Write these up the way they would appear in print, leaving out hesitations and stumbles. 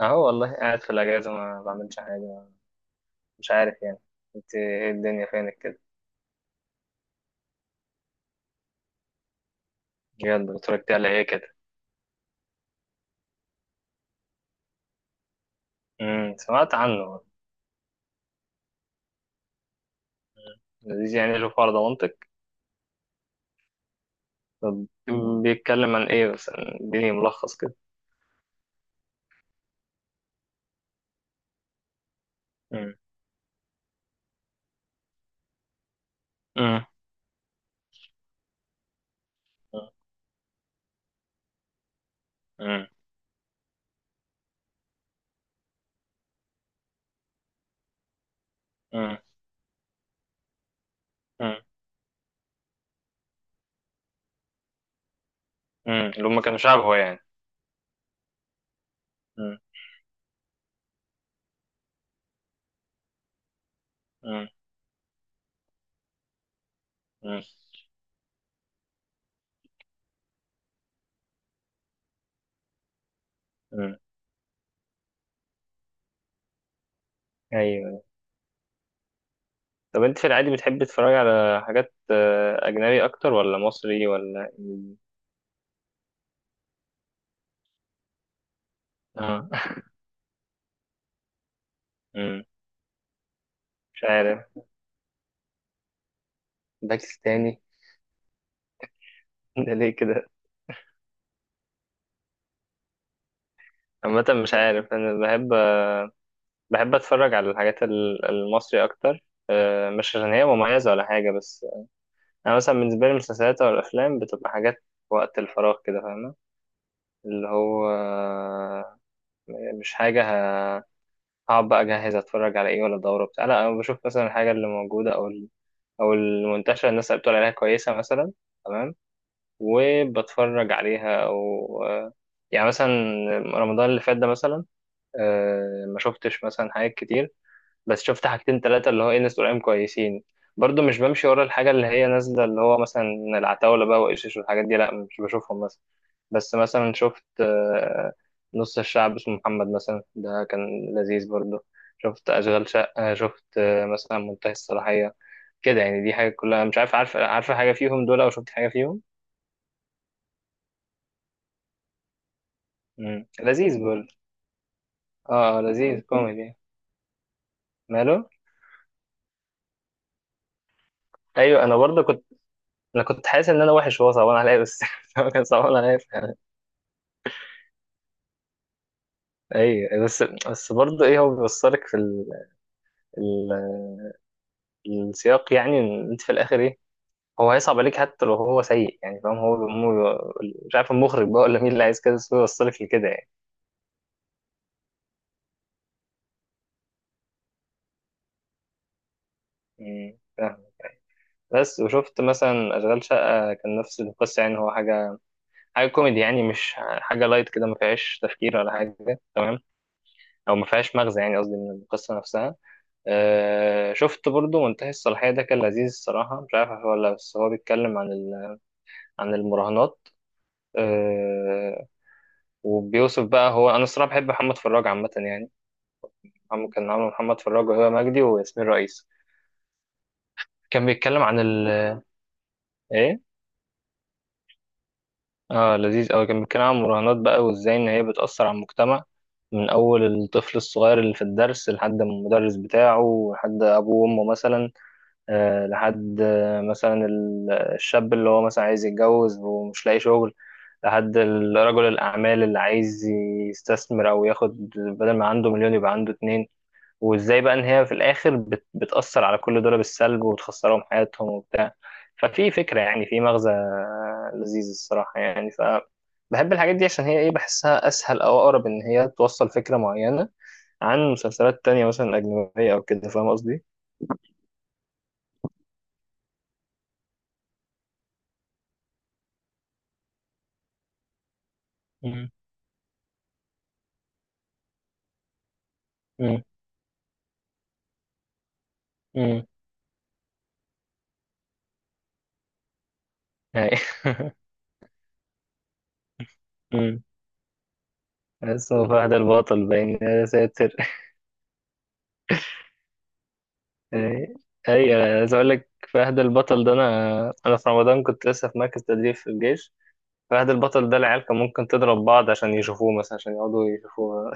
اهو، والله قاعد في الاجازه ما بعملش حاجه. مش عارف يعني. انت ايه الدنيا فينك كده؟ بجد اتفرجت على ايه كده؟ سمعت عنه. مم. لذيذ، يعني له فرض منطق. طب، بيتكلم عن ايه؟ بس اديني ملخص كده. امم. امم. امم. امم. امم. اللي هم كانوا شعب هو يعني. امم. امم. امم. امم. ايوه. طب انت في العادي بتحب تتفرج على حاجات اجنبي اكتر ولا مصري ولا إنجليزي؟ اه مم. مش عارف. باكستاني ده ليه كده؟ عامة مش عارف، أنا بحب، بحب أتفرج على الحاجات المصري أكتر. مش عشان هي مميزة ولا حاجة، بس أنا مثلا بالنسبة لي المسلسلات أو الأفلام بتبقى حاجات وقت الفراغ كده، فاهمة؟ اللي هو مش حاجة ه- هقعد بقى أجهز أتفرج على إيه ولا دورة بتاع. لا، أنا بشوف مثلا الحاجة اللي موجودة، أو أو المنتشرة، الناس اللي بتقول عليها كويسة مثلا. تمام. وبتفرج عليها، أو يعني مثلا رمضان اللي فات ده مثلا، ما شفتش مثلا حاجات كتير، بس شفت حاجتين تلاتة، اللي هو ايه، ناس قريبين كويسين. برضو مش بمشي ورا الحاجة اللي هي نازلة، اللي هو مثلا العتاولة بقى وإيشيش والحاجات دي، لأ مش بشوفهم مثلا. بس مثلا شفت نص الشعب اسمه محمد مثلا، ده كان لذيذ برضو. شفت أشغال شقة، شفت مثلا منتهي الصلاحية، كده يعني. دي حاجة كلها، مش عارف عارفة حاجة فيهم دول؟ أو شفت حاجة فيهم؟ مم. لذيذ برضو. اه لذيذ كوميدي. ماله. أيوة أنا برضو كنت. أنا كنت حاسس إن أنا وحش وهو صعبان عليا، بس هو كان صعبان عليا. اي، بس برضه ايه، هو بيوصلك في ال... السياق، يعني إن انت في الاخر ايه، هو هيصعب عليك حتى لو هو سيء. يعني فاهم، مش عارف المخرج بقى ولا مين اللي عايز كده، بس هو يوصلك لكده يعني. فاهم. بس وشفت مثلا اشغال شقه، كان نفس القصه، يعني هو حاجه كوميدي، يعني مش حاجه لايت كده ما فيهاش تفكير ولا حاجه. تمام. او ما فيهاش مغزى يعني، قصدي من القصه نفسها. أه شفت برضو منتهي الصلاحيه، ده كان لذيذ الصراحه. مش عارف هو ولا، بس هو بيتكلم عن عن المراهنات، آه، وبيوصف بقى هو. انا الصراحه بحب محمد فراج عامه يعني. عم كان عامل محمد فراج وهبه مجدي وياسمين رئيس، كان بيتكلم عن ايه، اه لذيذ قوي. كان بيتكلم عن المراهنات بقى، وازاي ان هي بتاثر على المجتمع، من اول الطفل الصغير اللي في الدرس لحد المدرس بتاعه، لحد ابوه وامه مثلا، لحد مثلا الشاب اللي هو مثلا عايز يتجوز ومش لاقي شغل، لحد رجل الأعمال اللي عايز يستثمر أو ياخد، بدل ما عنده مليون يبقى عنده اتنين. وإزاي بقى إن هي في الآخر بتأثر على كل دول بالسلب وتخسرهم حياتهم وبتاع. ففي فكرة يعني، في مغزى لذيذ الصراحة يعني، ف بحب الحاجات دي عشان هي إيه، بحسها أسهل أو أقرب إن هي توصل فكرة معينة عن مسلسلات تانية مثلا أجنبية أو كده، فاهم قصدي؟ مم. مم. أي أمم. بس هو فهد البطل باين، يا ساتر. أي، أي، أنا عايز أقول لك فهد البطل ده، أنا في رمضان كنت لسه في مركز تدريب في الجيش. فهد البطل ده العيال كان ممكن تضرب بعض عشان يشوفوه مثلا، عشان يقعدوا يشوفوه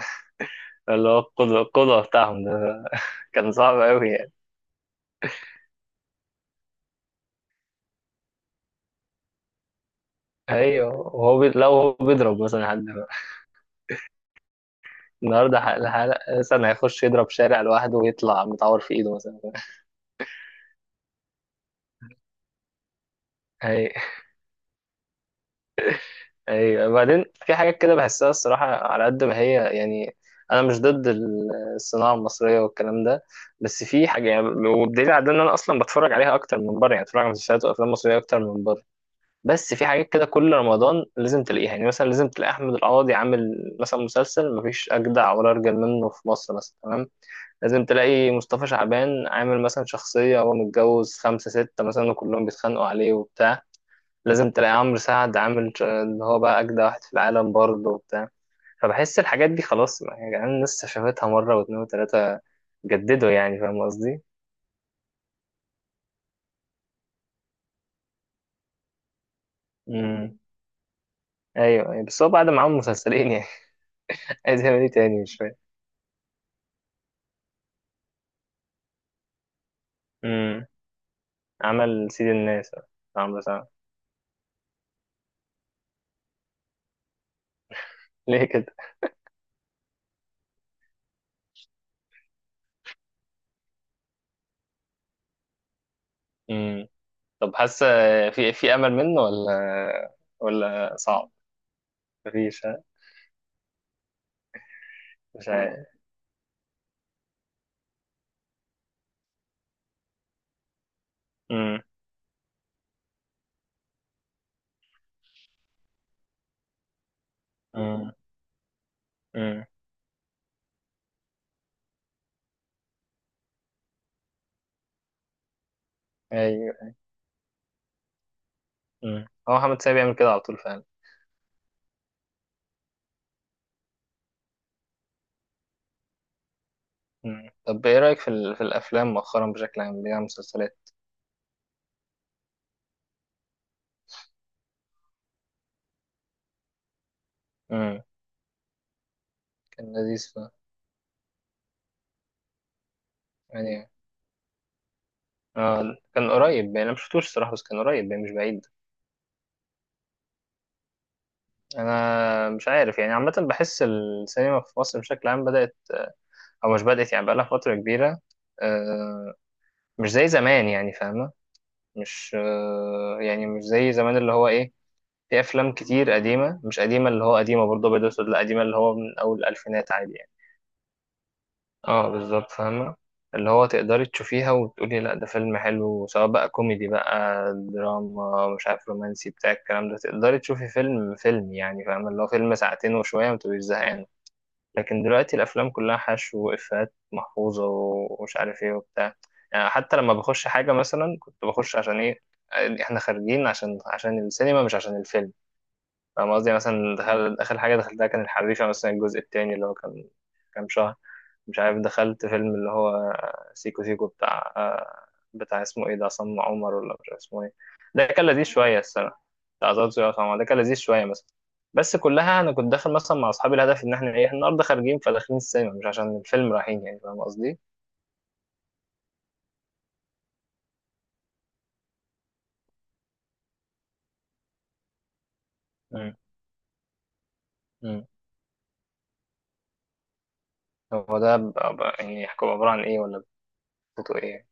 اللي هو القدوة، القدوة بتاعهم ده، كان صعب أوي يعني. أيوه وهو لو هو بيضرب مثلا حد، النهارده حلقة مثلا هيخش يضرب شارع لوحده ويطلع متعور في إيده مثلا. أيوه، ايوه، بعدين في حاجات كده بحسها الصراحه، على قد ما هي يعني انا مش ضد الصناعه المصريه والكلام ده، بس في حاجه يعني. والدليل على ده ان انا اصلا بتفرج عليها اكتر من بره، يعني بتفرج على مسلسلات وافلام مصريه اكتر من بره، بس في حاجات كده كل رمضان لازم تلاقيها. يعني مثلا لازم تلاقي احمد القاضي عامل مثلا مسلسل مفيش اجدع ولا ارجل منه في مصر مثلا، تمام. لازم تلاقي مصطفى شعبان عامل مثلا شخصيه هو متجوز خمسه سته مثلا، وكلهم بيتخانقوا عليه وبتاع. لازم تلاقي عمرو سعد عامل اللي هو بقى أجدع واحد في العالم برضه وبتاع. فبحس الحاجات دي خلاص يعني الناس شافتها مرة واتنين وتلاتة، جددوا يعني، فاهم قصدي؟ امم. أيوه، أيوة. بس هو بعد ما عمل مسلسلين يعني عايز يعمل إيه تاني؟ مش فاهم. امم. عمل سيد الناس، عمرو سعد. ليه كده؟ امم. طب حاسة، في أمل منه ولا، ولا صعب؟ مفيش، ها؟ مش عارف. امم. امم. امم. أيوه. هو محمد سامي بيعمل كده على طول فعلا. مم. طب ايه رأيك في الافلام مؤخرا بشكل عام، اللي هي مسلسلات. مم. كان لذيذ يعني. آه كان قريب يعني، انا مش شفتوش الصراحه، بس كان قريب يعني مش بعيد. انا مش عارف يعني، عامه بحس السينما في مصر بشكل عام بدأت، او مش بدأت يعني بقالها فتره كبيره. آه مش زي زمان يعني، فاهمه؟ مش يعني مش زي زمان، اللي هو ايه، في افلام كتير قديمه، مش قديمه اللي هو قديمه برضه ابيض واسود، لا قديمه اللي هو من اول الالفينات عادي. اه بالظبط، فاهمة. اللي هو تقدري تشوفيها وتقولي لا ده فيلم حلو، سواء بقى كوميدي بقى دراما مش عارف رومانسي بتاع الكلام ده، تقدري تشوفي فيلم يعني، فاهمة؟ اللي هو فيلم ساعتين وشوية متبقيش زهقانة. لكن دلوقتي الأفلام كلها حشو وإفيهات محفوظة ومش عارف ايه وبتاع، يعني حتى لما بخش حاجة مثلا، كنت بخش عشان ايه؟ احنا خارجين عشان السينما مش عشان الفيلم، فاهم قصدي؟ يعني مثلا، دخل آخر حاجة دخلتها كان الحريفة مثلا، الجزء التاني اللي هو كان كام شهر مش عارف. دخلت فيلم اللي هو سيكو سيكو بتاع بتاع اسمه ايه ده، عصام عمر ولا مش عارف اسمه ايه، ده كان لذيذ شوية، السنة بتاع زوزو يا عصام عمر، ده كان لذيذ شوية مثلا. بس كلها أنا كنت داخل مثلا مع أصحابي الهدف إن إحنا إيه النهاردة خارجين، فداخلين السينما مش عشان الفيلم، رايحين يعني فاهم قصدي؟ مم. مم. هو ده يعني يحكوا عبارة عن ايه ولا بتوع ايه؟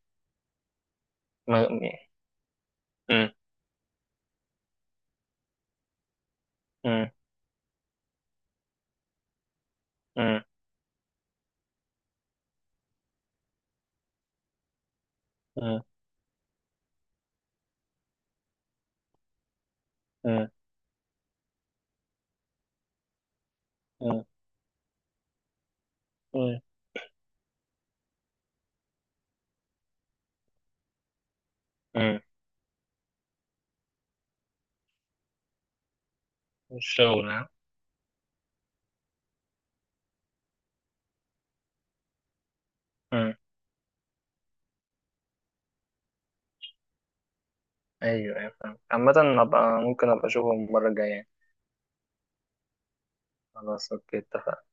ما... مم. مم. مم. مم. مم. مم. امم الشغل، ها؟ امم ايوه، ايوه، فاهم عامة. ابقى ممكن ابقى اشوفهم المرة الجاية يعني. خلاص، اوكي، اتفقنا.